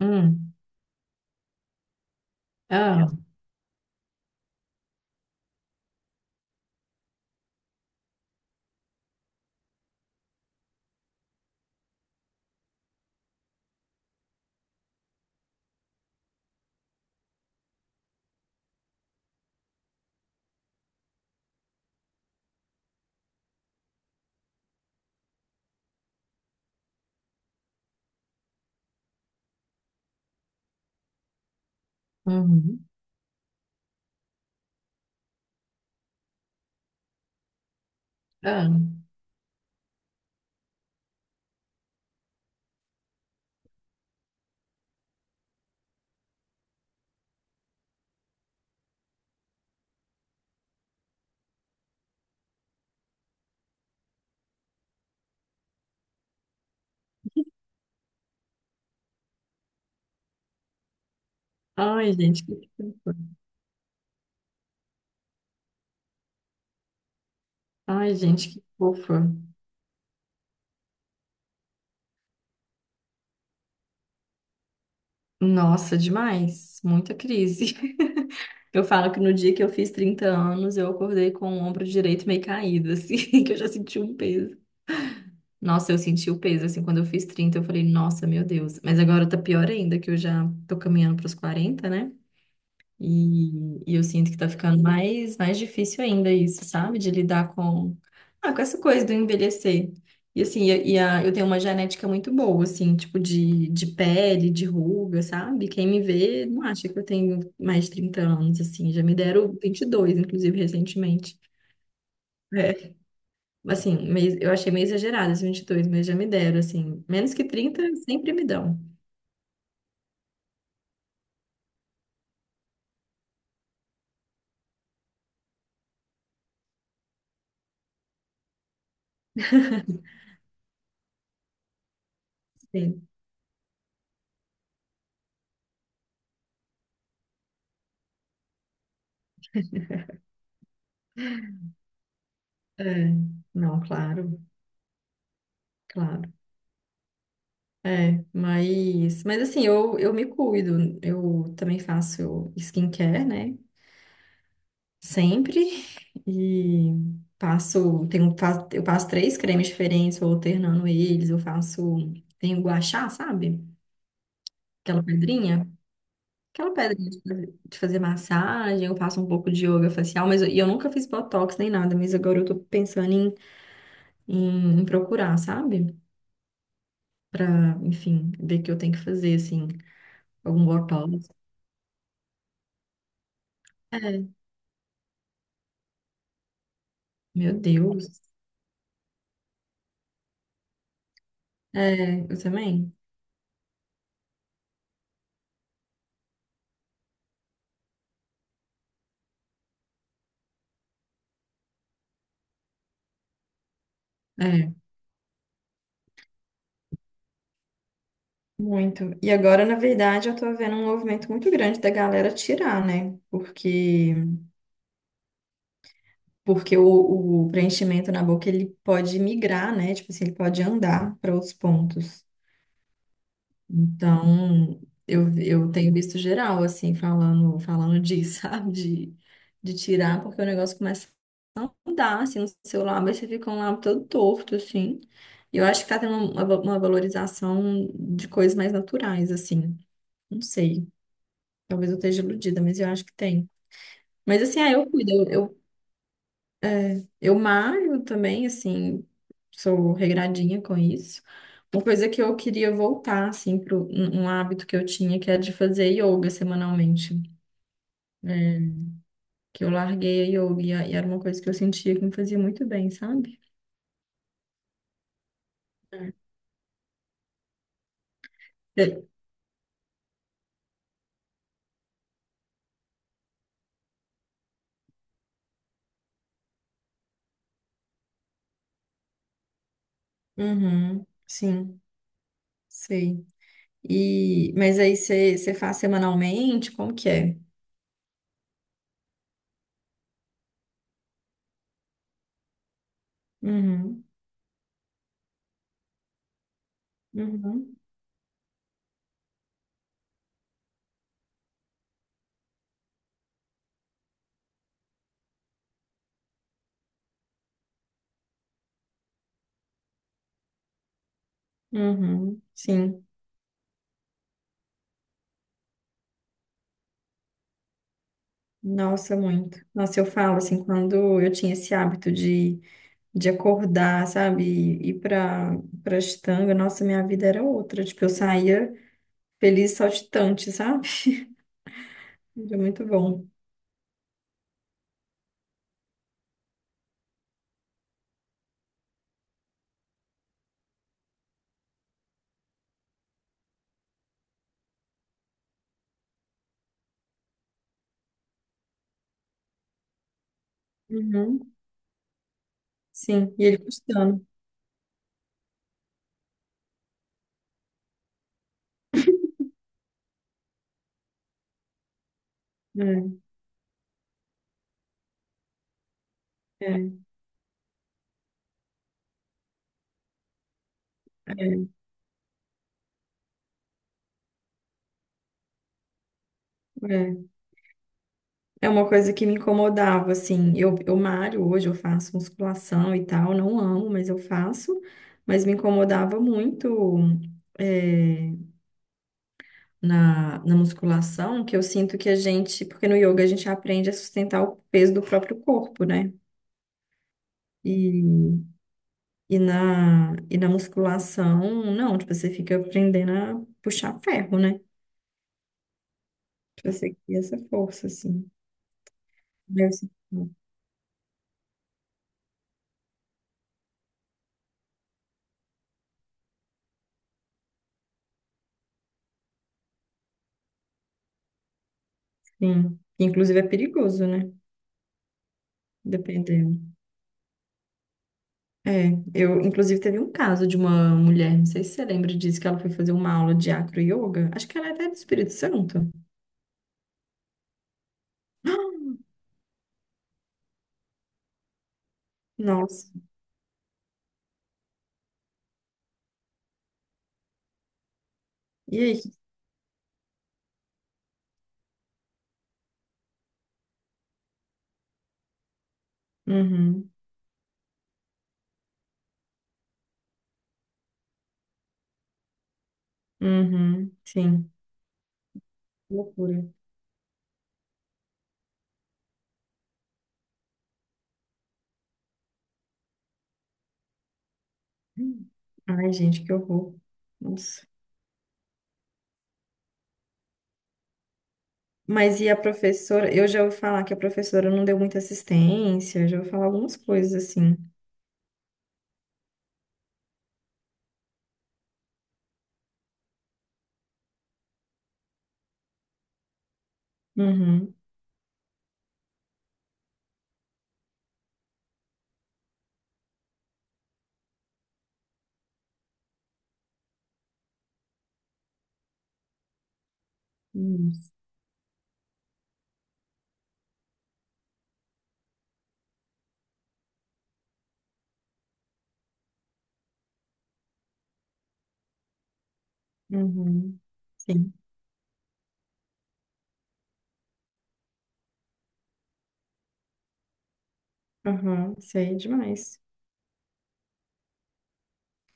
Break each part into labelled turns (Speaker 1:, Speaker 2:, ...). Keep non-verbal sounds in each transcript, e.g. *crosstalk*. Speaker 1: Hum. Ah. Uhum. Ah. Ai, gente, que fofa. Ai, gente, que fofa. Nossa, demais. Muita crise. *laughs* Eu falo que no dia que eu fiz 30 anos, eu acordei com o ombro direito meio caído, assim, *laughs* que eu já senti um peso. Nossa, eu senti o peso, assim, quando eu fiz 30 eu falei, nossa, meu Deus. Mas agora tá pior ainda, que eu já tô caminhando pros 40, né? E eu sinto que tá ficando mais difícil ainda isso, sabe? De lidar com essa coisa do envelhecer. E assim, eu tenho uma genética muito boa, assim, tipo de pele, de ruga, sabe? Quem me vê não acha que eu tenho mais de 30 anos, assim. Já me deram 22 inclusive, recentemente. É. Assim, eu achei meio exagerado esses 22, mas já me deram, assim. Menos que 30 sempre me dão. *laughs* Sim. É. Não, claro, claro. É, mas assim, eu me cuido. Eu também faço skincare, né? Sempre. *laughs* E eu passo três cremes diferentes, vou alternando eles. Tenho guachá, sabe? Aquela pedrinha. Aquela pedrinha de fazer massagem. Eu faço um pouco de yoga facial, e eu nunca fiz botox nem nada. Mas agora eu tô pensando em procurar, sabe? Pra, enfim, ver o que eu tenho que fazer, assim, algum botox. É, meu Deus. É, eu também. É, muito. E agora, na verdade, eu tô vendo um movimento muito grande da galera tirar, né? Porque o preenchimento na boca ele pode migrar, né? Tipo assim, ele pode andar para outros pontos. Então, eu tenho visto geral assim falando disso, *laughs* sabe? De tirar, porque o negócio começa a andar assim no seu lábio, aí você fica um lábio todo torto assim. E eu acho que tá tendo uma valorização de coisas mais naturais assim. Não sei. Talvez eu esteja iludida, mas eu acho que tem. Mas assim, ah, eu cuido. Eu malho também, assim, sou regradinha com isso. Uma coisa que eu queria voltar, assim, para um hábito que eu tinha, que era de fazer yoga semanalmente. É, que eu larguei a yoga e era uma coisa que eu sentia que me fazia muito bem, sabe? É. Uhum, sim, sei. E, mas aí você faz semanalmente? Como que é? Uhum, uhum, uhum, sim. Nossa, muito. Nossa, eu falo assim, quando eu tinha esse hábito de acordar, sabe, e ir pra estanga, nossa, minha vida era outra. Tipo, eu saía feliz, saltitante, sabe? Era muito bom. Uhum. Sim, e ele custando. É, é, é, é. É uma coisa que me incomodava, assim. Eu malho hoje, eu faço musculação e tal, não amo, mas eu faço. Mas me incomodava muito. É, na musculação, que eu sinto que a gente, porque no yoga a gente aprende a sustentar o peso do próprio corpo, né? E, e na musculação, não, tipo, você fica aprendendo a puxar ferro, né? Tipo, você cria essa força, assim. Deve ser- Sim. Inclusive é perigoso, né? Dependendo. É, eu, inclusive, teve um caso de uma mulher, não sei se você lembra disso, que ela foi fazer uma aula de acro yoga. Acho que ela é até do Espírito Santo. *gasps* Nossa. E aí? Uhum. Uhum, sim, loucura. Ai, gente, que horror. Nossa. Mas e a professora? Eu já ouvi falar que a professora não deu muita assistência, eu já ouvi falar algumas coisas assim. Uhum, isso, uhum, sim. Aham, sei demais.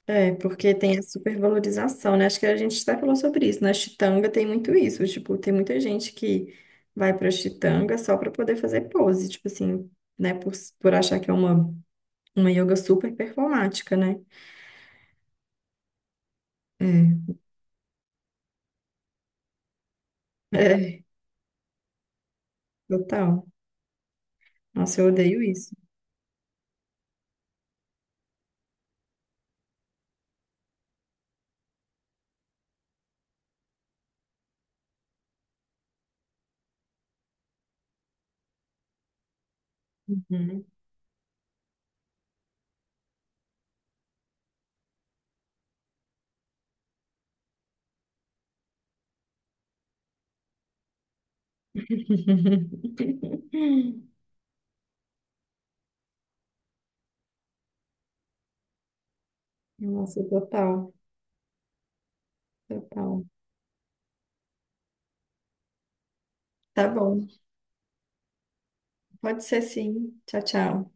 Speaker 1: É, porque tem a supervalorização, né? Acho que a gente até falou sobre isso. Na Chitanga tem muito isso. Tipo, tem muita gente que vai pra Chitanga só pra poder fazer pose, tipo assim, né? Por achar que é uma yoga super performática, né? É, é, total. Nossa, eu odeio isso. Uhum. *laughs* Nossa, total, total. Tá bom. Pode ser sim. Tchau, tchau.